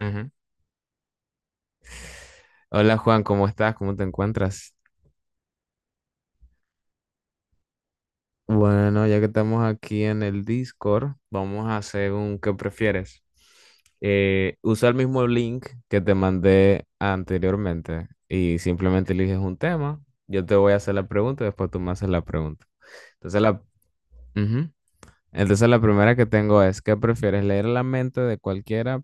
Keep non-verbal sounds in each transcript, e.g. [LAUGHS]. Ujú. Hola Juan, ¿cómo estás? ¿Cómo te encuentras? Bueno, ya que estamos aquí en el Discord, vamos a hacer un ¿qué prefieres? Usa el mismo link que te mandé anteriormente y simplemente eliges un tema. Yo te voy a hacer la pregunta y después tú me haces la pregunta. Entonces la, Ujú. Entonces la primera que tengo es, ¿qué prefieres? ¿Leer la mente de cualquiera,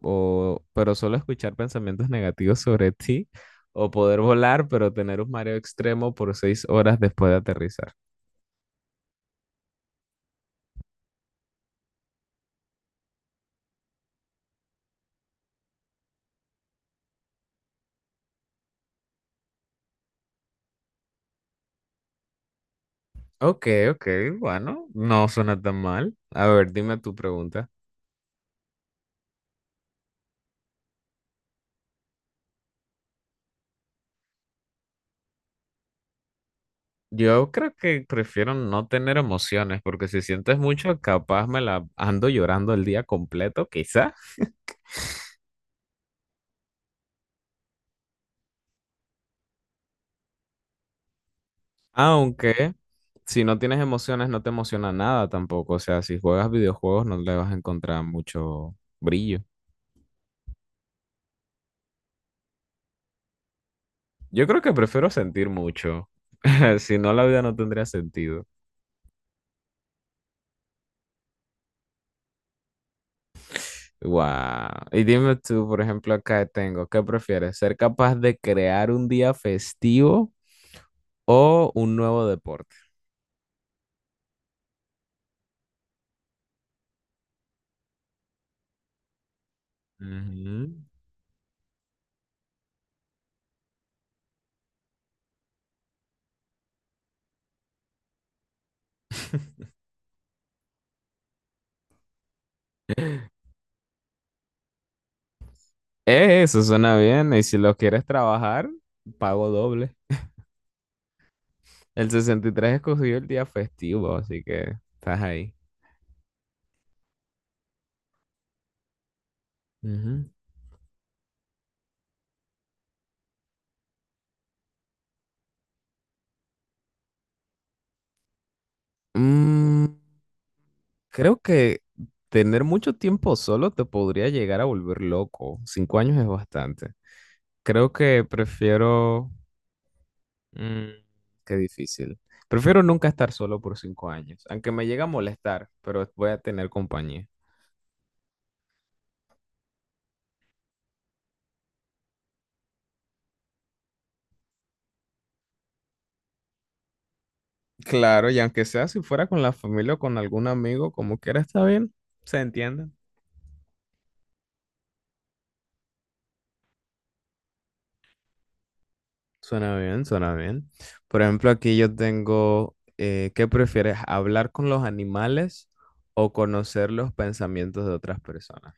o, pero solo escuchar pensamientos negativos sobre ti, o poder volar, pero tener un mareo extremo por 6 horas después de aterrizar? Ok, ok, bueno, no suena tan mal. A ver, dime tu pregunta. Yo creo que prefiero no tener emociones, porque si sientes mucho, capaz me la ando llorando el día completo, quizá. [LAUGHS] Aunque si no tienes emociones, no te emociona nada tampoco. O sea, si juegas videojuegos, no le vas a encontrar mucho brillo. Yo creo que prefiero sentir mucho. [LAUGHS] Si no, la vida no tendría sentido. Wow. Y dime tú, por ejemplo, acá tengo, ¿qué prefieres? ¿Ser capaz de crear un día festivo o un nuevo deporte? Ujú. [LAUGHS] Eso suena bien. Y si lo quieres trabajar, pago doble. El 63 escogió el día festivo, así que estás ahí. Ujú. Mm, Creo que tener mucho tiempo solo te podría llegar a volver loco. 5 años es bastante. Creo que prefiero, mm, qué difícil. Prefiero nunca estar solo por 5 años, aunque me llega a molestar, pero voy a tener compañía. Claro, y aunque sea si fuera con la familia o con algún amigo, como quiera, está bien. Se entiende. Suena bien, suena bien. Por ejemplo, aquí yo tengo, ¿qué prefieres? ¿Hablar con los animales o conocer los pensamientos de otras personas?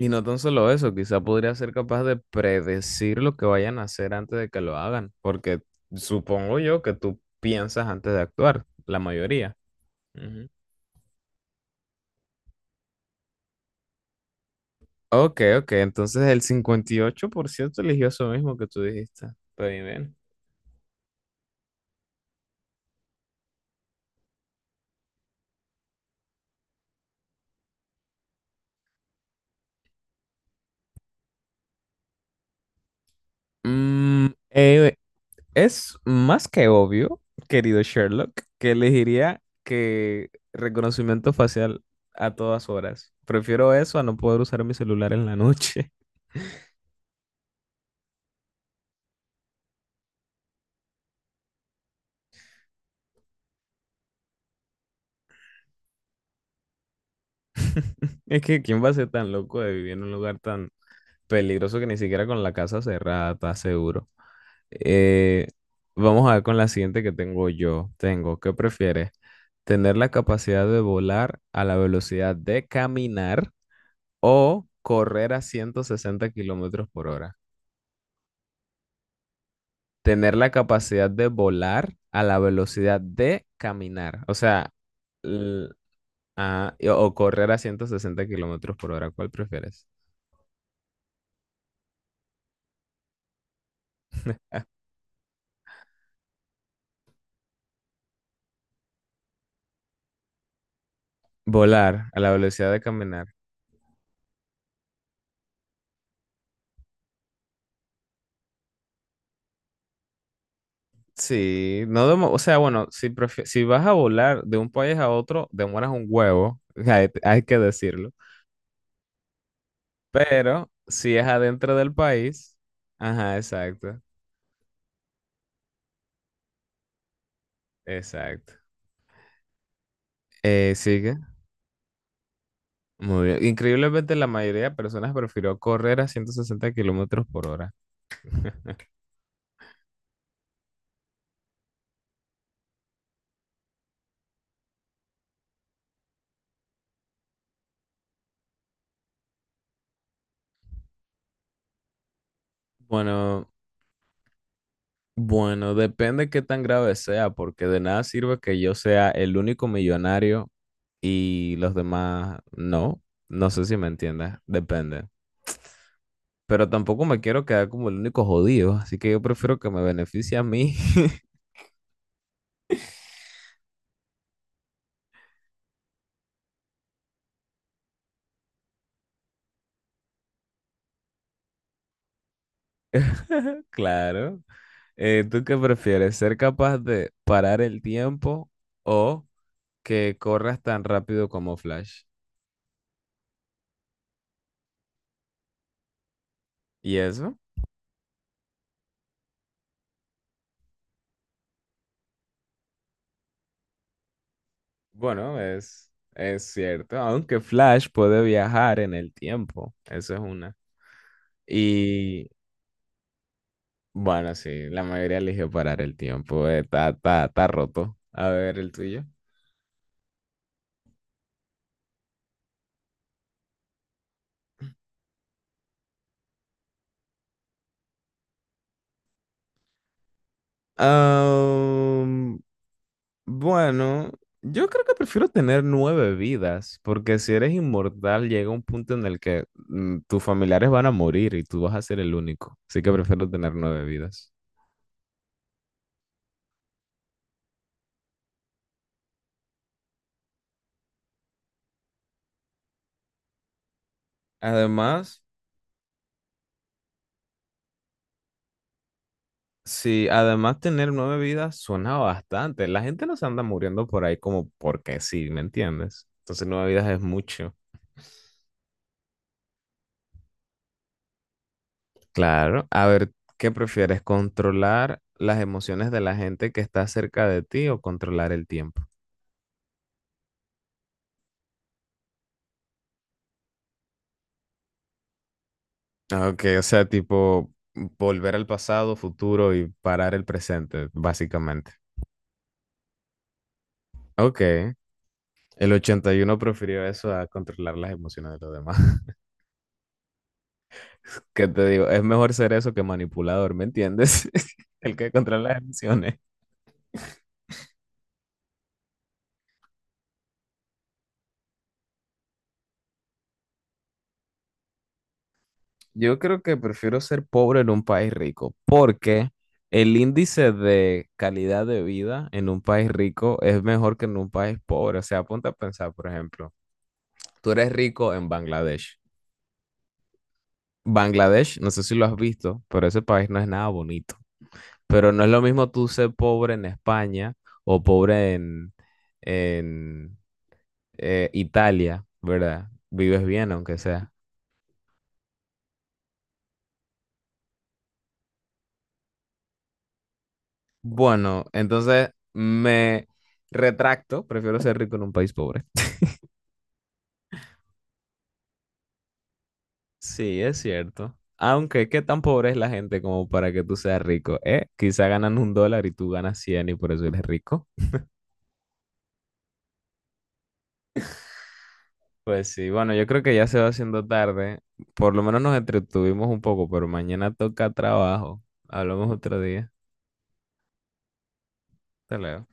Y no tan solo eso, quizá podría ser capaz de predecir lo que vayan a hacer antes de que lo hagan, porque supongo yo que tú piensas antes de actuar, la mayoría. Ujú. Ok, ok, entonces el 58% eligió eso mismo que tú dijiste. Está bien, bien. Mm, eh, es más que obvio, querido Sherlock, que elegiría que reconocimiento facial a todas horas. Prefiero eso a no poder usar mi celular en la noche. Es que ¿quién va a ser tan loco de vivir en un lugar tan peligroso que ni siquiera con la casa cerrada está seguro? Eh, Vamos a ver con la siguiente que tengo yo. Tengo, ¿qué prefieres? ¿Tener la capacidad de volar a la velocidad de caminar o correr a 160 kilómetros por hora? Tener la capacidad de volar a la velocidad de caminar. O sea, l- o correr a 160 kilómetros por hora. ¿Cuál prefieres? Volar a la velocidad de caminar. Sí, no demo- o sea, bueno, si vas a volar de un país a otro, demoras un huevo. [LAUGHS] Hay que decirlo. Pero si es adentro del país, ajá, exacto, exacto. Sigue. Muy bien. Increíblemente, la mayoría de personas prefirió correr a 160 kilómetros por hora. [LAUGHS] Bueno, bueno, depende qué tan grave sea, porque de nada sirve que yo sea el único millonario y los demás no. No sé si me entiendes. Depende. Pero tampoco me quiero quedar como el único jodido, así que yo prefiero que me beneficie a mí. [LAUGHS] Claro. ¿Tú qué prefieres? ¿Ser capaz de parar el tiempo o que corras tan rápido como Flash? ¿Y eso? Bueno, es cierto, aunque Flash puede viajar en el tiempo, eso es una. Y bueno, sí, la mayoría eligió parar el tiempo, está roto. A ver, el tuyo. Am, bueno, yo creo que prefiero tener 9 vidas, porque si eres inmortal llega un punto en el que tus familiares van a morir y tú vas a ser el único. Así que prefiero tener 9 vidas. Además, sí, además tener 9 vidas suena bastante. La gente no se anda muriendo por ahí como porque sí, ¿me entiendes? Entonces 9 vidas es mucho. Claro. A ver, ¿qué prefieres? ¿Controlar las emociones de la gente que está cerca de ti o controlar el tiempo? Ah, ok, o sea, tipo volver al pasado, futuro y parar el presente, básicamente. Ok, el 81 prefirió eso a controlar las emociones de los demás. [LAUGHS] ¿Qué te digo? Es mejor ser eso que manipulador, ¿me entiendes? [LAUGHS] El que controla las emociones. Yo creo que prefiero ser pobre en un país rico porque el índice de calidad de vida en un país rico es mejor que en un país pobre. O sea, apunta a pensar, por ejemplo, tú eres rico en Bangladesh. Bangladesh, no sé si lo has visto, pero ese país no es nada bonito. Pero no es lo mismo tú ser pobre en España o pobre en Italia, ¿verdad? Vives bien, aunque sea. Bueno, entonces me retracto, prefiero ser rico en un país pobre. [LAUGHS] Sí, es cierto. Aunque, ¿qué tan pobre es la gente como para que tú seas rico? ¿Eh? Quizá ganan un dólar y tú ganas 100 y por eso eres rico. Pues sí, bueno, yo creo que ya se va haciendo tarde. Por lo menos nos entretuvimos un poco, pero mañana toca trabajo. Hablamos otro día. Hasta luego.